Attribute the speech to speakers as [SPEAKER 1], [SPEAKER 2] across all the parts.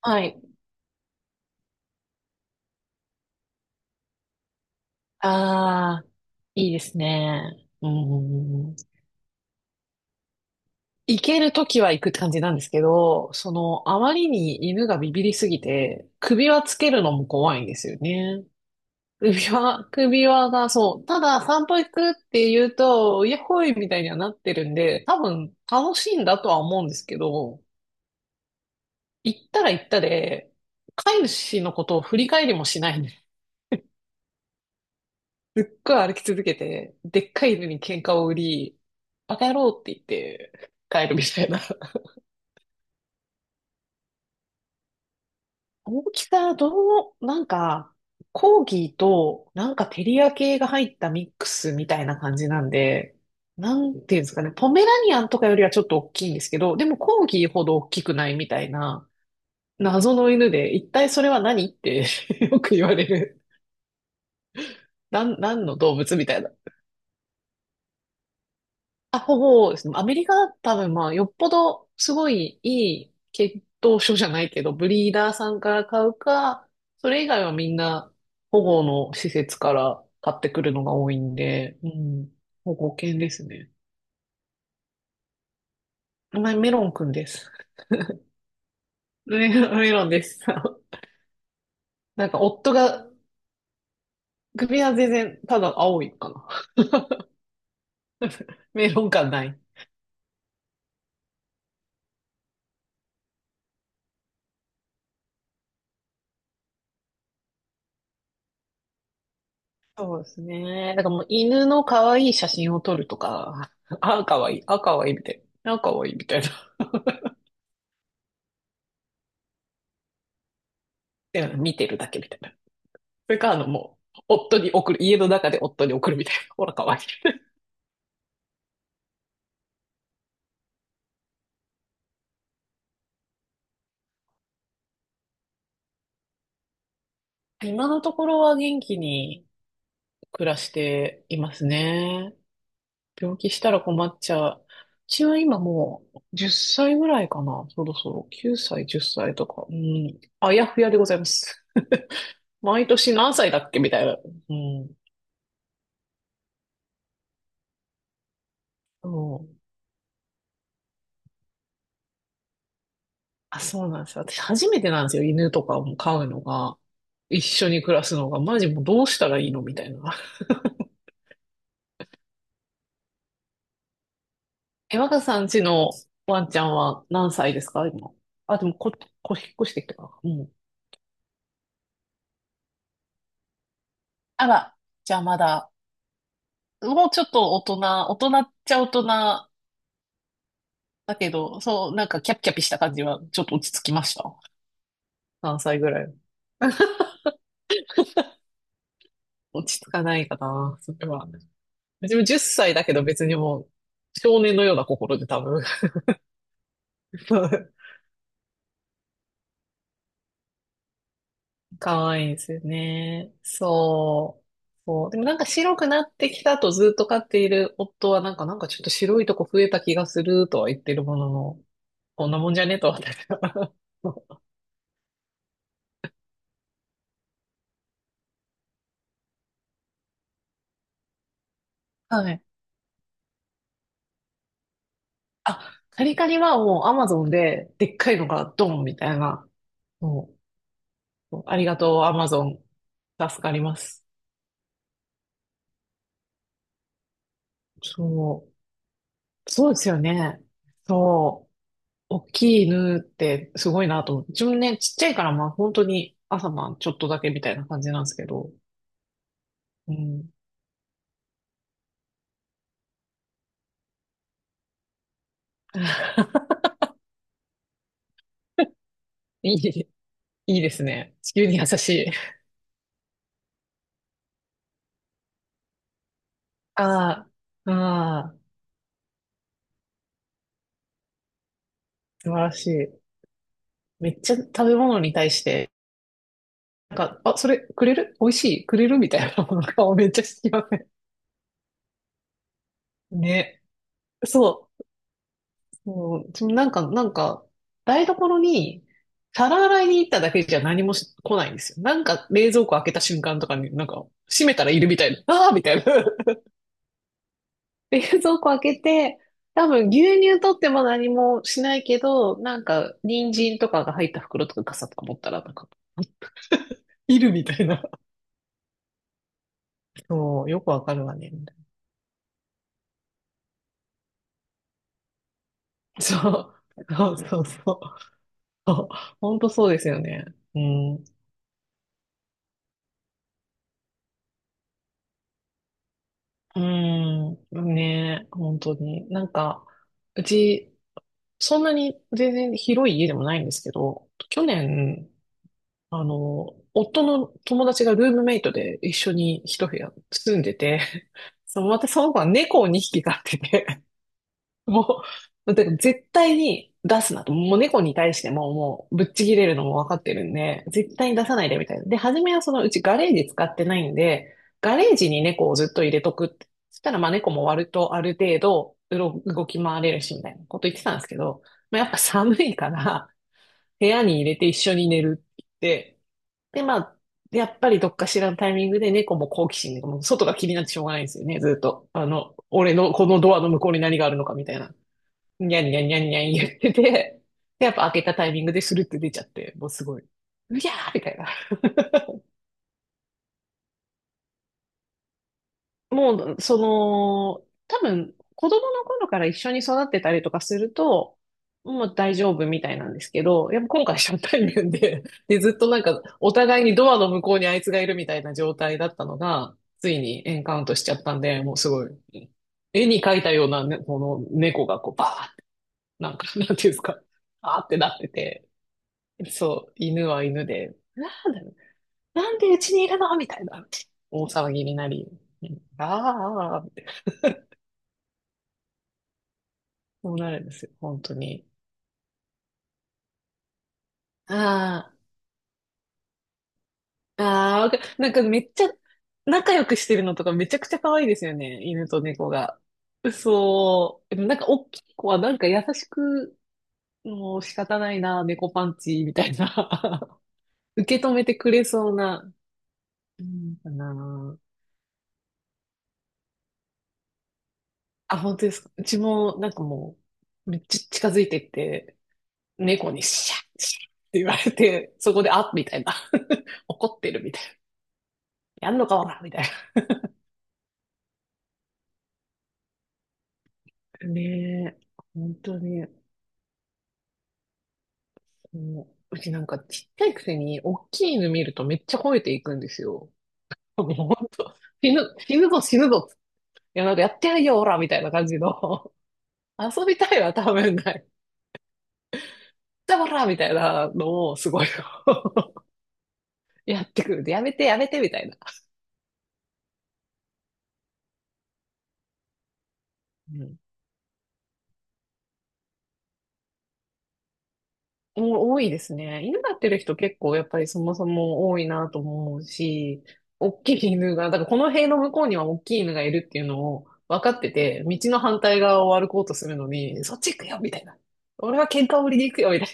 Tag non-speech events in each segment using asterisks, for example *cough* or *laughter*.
[SPEAKER 1] はい。ああ、いいですね。うん。行けるときは行くって感じなんですけど、その、あまりに犬がビビりすぎて、首輪つけるのも怖いんですよね。首輪、首輪がそう、ただ散歩行くって言うと、イヤホイみたいにはなってるんで、多分楽しいんだとは思うんですけど、行ったら行ったで、飼い主のことを振り返りもしないんですっごい歩き続けて、でっかい犬に喧嘩を売り、バカ野郎って言って帰るみたいな。*laughs* 大きさ、どう、なんか、コーギーと、なんかテリア系が入ったミックスみたいな感じなんで、なんていうんですかね、ポメラニアンとかよりはちょっと大きいんですけど、でもコーギーほど大きくないみたいな、謎の犬で、一体それは何って。 *laughs* よく言われる。なん、何の動物みたいな。あ、ほぼですね。アメリカは多分まあ、よっぽどすごいい血統書じゃないけど、ブリーダーさんから買うか、それ以外はみんな保護の施設から買ってくるのが多いんで、うん、保護犬ですね。名前メロンくんです。*laughs* メロンです。*laughs* なんか夫が、首は全然ただ青いかな。メロン感ない。そうですね。だからもう犬の可愛い写真を撮るとか、あ、可愛い、あ、可愛いみたいな。あ、可愛いみたいな。うん、見てるだけみたいな。それか、あの、もう、夫に送る、家の中で夫に送るみたいな。*laughs* ほら、かわいい。*laughs* 今のところは元気に暮らしていますね。病気したら困っちゃう。うちは今もう10歳ぐらいかな。そろそろ9歳、10歳とか。うん。あやふやでございます。*laughs* 毎年何歳だっけみたいな。うん。そう。あ、そうなんですよ。私初めてなんですよ。犬とかも飼うのが。一緒に暮らすのが。マジもうどうしたらいいのみたいな。え、若さんちのワンちゃんは何歳ですか、今。あ、でもこ、こ、引っ越してきたから。うん。あら、じゃあまだ、もうちょっと大人、大人っちゃ大人だけど、そう、なんかキャピキャピした感じはちょっと落ち着きました。何歳ぐらい。*laughs* 落ち着かないかな、それは。うちも10歳だけど別にもう、少年のような心で多分。*laughs* 可愛いいですよね。そう。そう。でもなんか白くなってきたとずっと飼っている夫はなんかちょっと白いとこ増えた気がするとは言ってるものの、こんなもんじゃねとは私は。 *laughs* はい。あ、カリカリはもうアマゾンででっかいのがドンみたいな。もう、ありがとうアマゾン。助かります。そう。そうですよね。そう。大きい犬ってすごいなと思って。自分ね、ちっちゃいからまあ本当に朝晩ちょっとだけみたいな感じなんですけど。うん。いい、いいですね。地球に優しい。*laughs* ああ、ああ、素晴らしい。めっちゃ食べ物に対して、なんか、あ、それくれる美味しいくれるみたいなものの顔めっちゃしてきません？ね。そう。もう、そのなんか、なんか、台所に、皿洗いに行っただけじゃ何もし来ないんですよ。なんか、冷蔵庫開けた瞬間とかに、なんか、閉めたらいるみたいな、ああーみたいな。*laughs* 冷蔵庫開けて、多分牛乳取っても何もしないけど、なんか、人参とかが入った袋とか傘とか持ったら、なんか、いるみたいな。そう、よくわかるわね、みたいな。そう、そうそうそう。そう、ほんとそうですよね。うん。うーん、ねえ、本当に。なんか、うち、そんなに全然広い家でもないんですけど、去年、あの、夫の友達がルームメイトで一緒に一部屋住んでて、*laughs* そう、私その子は猫を2匹飼ってて、もう、だから絶対に出すなと。もう猫に対してももうぶっちぎれるのも分かってるんで、絶対に出さないでみたいな。で、初めはそのうちガレージ使ってないんで、ガレージに猫をずっと入れとくって。そしたらまあ猫も割とある程度うろ動き回れるしみたいなこと言ってたんですけど、まあ、やっぱ寒いから部屋に入れて一緒に寝るって言って、でまあ、やっぱりどっかしらのタイミングで猫も好奇心で、もう外が気になってしょうがないんですよね、ずっと。あの、俺のこのドアの向こうに何があるのかみたいな。にゃんにゃんにゃんにゃん言ってて、で、やっぱ開けたタイミングでスルって出ちゃって、もうすごい、うぎゃーみたいな。もう、その、多分、子供の頃から一緒に育ってたりとかすると、もう大丈夫みたいなんですけど、やっぱ今回初対面で、で、ずっとなんか、お互いにドアの向こうにあいつがいるみたいな状態だったのが、ついにエンカウントしちゃったんで、もうすごい、絵に描いたようなね、この猫がこう、バーって、なんか、なんていうんですか、あーってなってて、そう、犬は犬で、なんだろう、なんでうちにいるのみたいな、大騒ぎになり、うんあーあー、ってこうなるんですよ、本当に。ああ、ああ、わか、なんかめっちゃ仲良くしてるのとかめちゃくちゃ可愛いですよね、犬と猫が。そう、でもなんか大きい子はなんか優しく、もう仕方ないな、猫パンチ、みたいな。 *laughs* 受け止めてくれそうな、うんかな。あ、本当ですか。うちもなんかもう、めっちゃ近づいてって、猫にシャッシャッって言われて、そこであっみたいな。*laughs* 怒ってるみたいな。やんのかおらみたいな。ねえ、本当に。もう、うちなんかちっちゃいくせに、大きい犬見るとめっちゃ吠えていくんですよ。*laughs* もう本当、死ぬ、死ぬぞ死ぬぞ。いや、なんかやってやるよ、オラみたいな感じの。*laughs* 遊びたいは多分ない。*laughs* じゃあオラみたいなのをすごい、 *laughs* やってくる。やめてやめてみたいな。うん、お多いですね。犬飼ってる人結構やっぱりそもそも多いなと思うし、大きい犬が、だからこの塀の向こうには大きい犬がいるっていうのを分かってて、道の反対側を歩こうとするのに、そっち行くよみたいな。俺は喧嘩売りに行くよみたい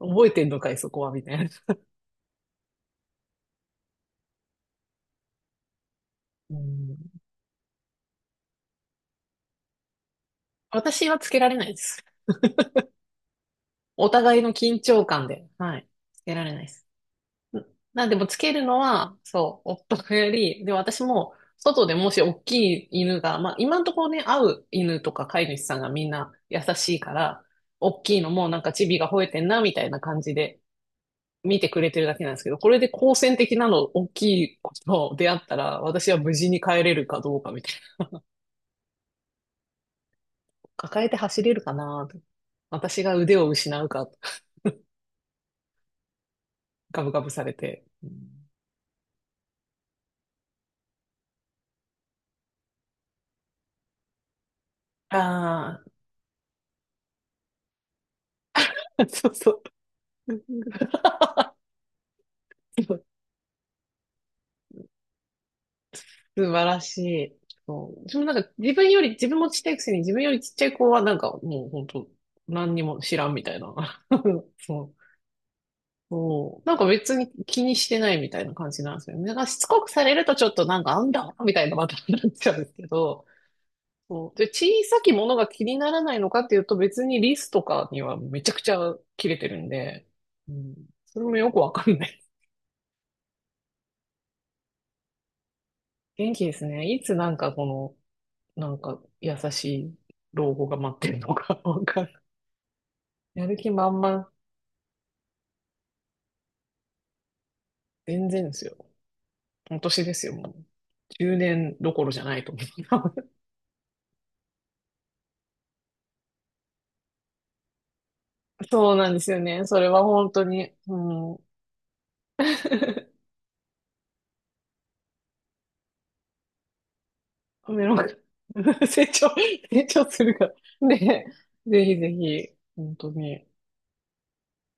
[SPEAKER 1] な。覚えてんのかい、そこはみたいな。うん、私はつけられないです。お互いの緊張感で、はい、つけられないです。なんでもつけるのは、そう、夫がやり、で、私も、外でもし大きい犬が、まあ、今のところね、会う犬とか飼い主さんがみんな優しいから、大きいのもなんかチビが吠えてんな、みたいな感じで見てくれてるだけなんですけど、これで好戦的なの、大きい子と出会ったら、私は無事に帰れるかどうかみたいな。抱えて走れるかなと、私が腕を失うか、ガブガブされて。うああー、*laughs* そうそう。素晴らしい。そう。私もなんか自分より、自分もちっちゃいくせに自分よりちっちゃい子はなんかもう本当何にも知らんみたいな。*laughs* そう。そう。なんか別に気にしてないみたいな感じなんですよね。なんかしつこくされるとちょっとなんかあんだみたいなまたなっちゃうんですけど。そう。で、小さきものが気にならないのかっていうと別にリスとかにはめちゃくちゃ切れてるんで。うん。それもよくわかんない。元気ですね。いつなんかこの、なんか優しい老後が待ってるのか、 *laughs* わかんない。やる気満々、全然ですよ。今年ですよ、もう。10年どころじゃないと思う。*laughs* そうなんですよね。それは本当に。うん。*laughs* メロン、 *laughs* 成長、成長するから。*laughs* で、ぜひぜひ、本当に。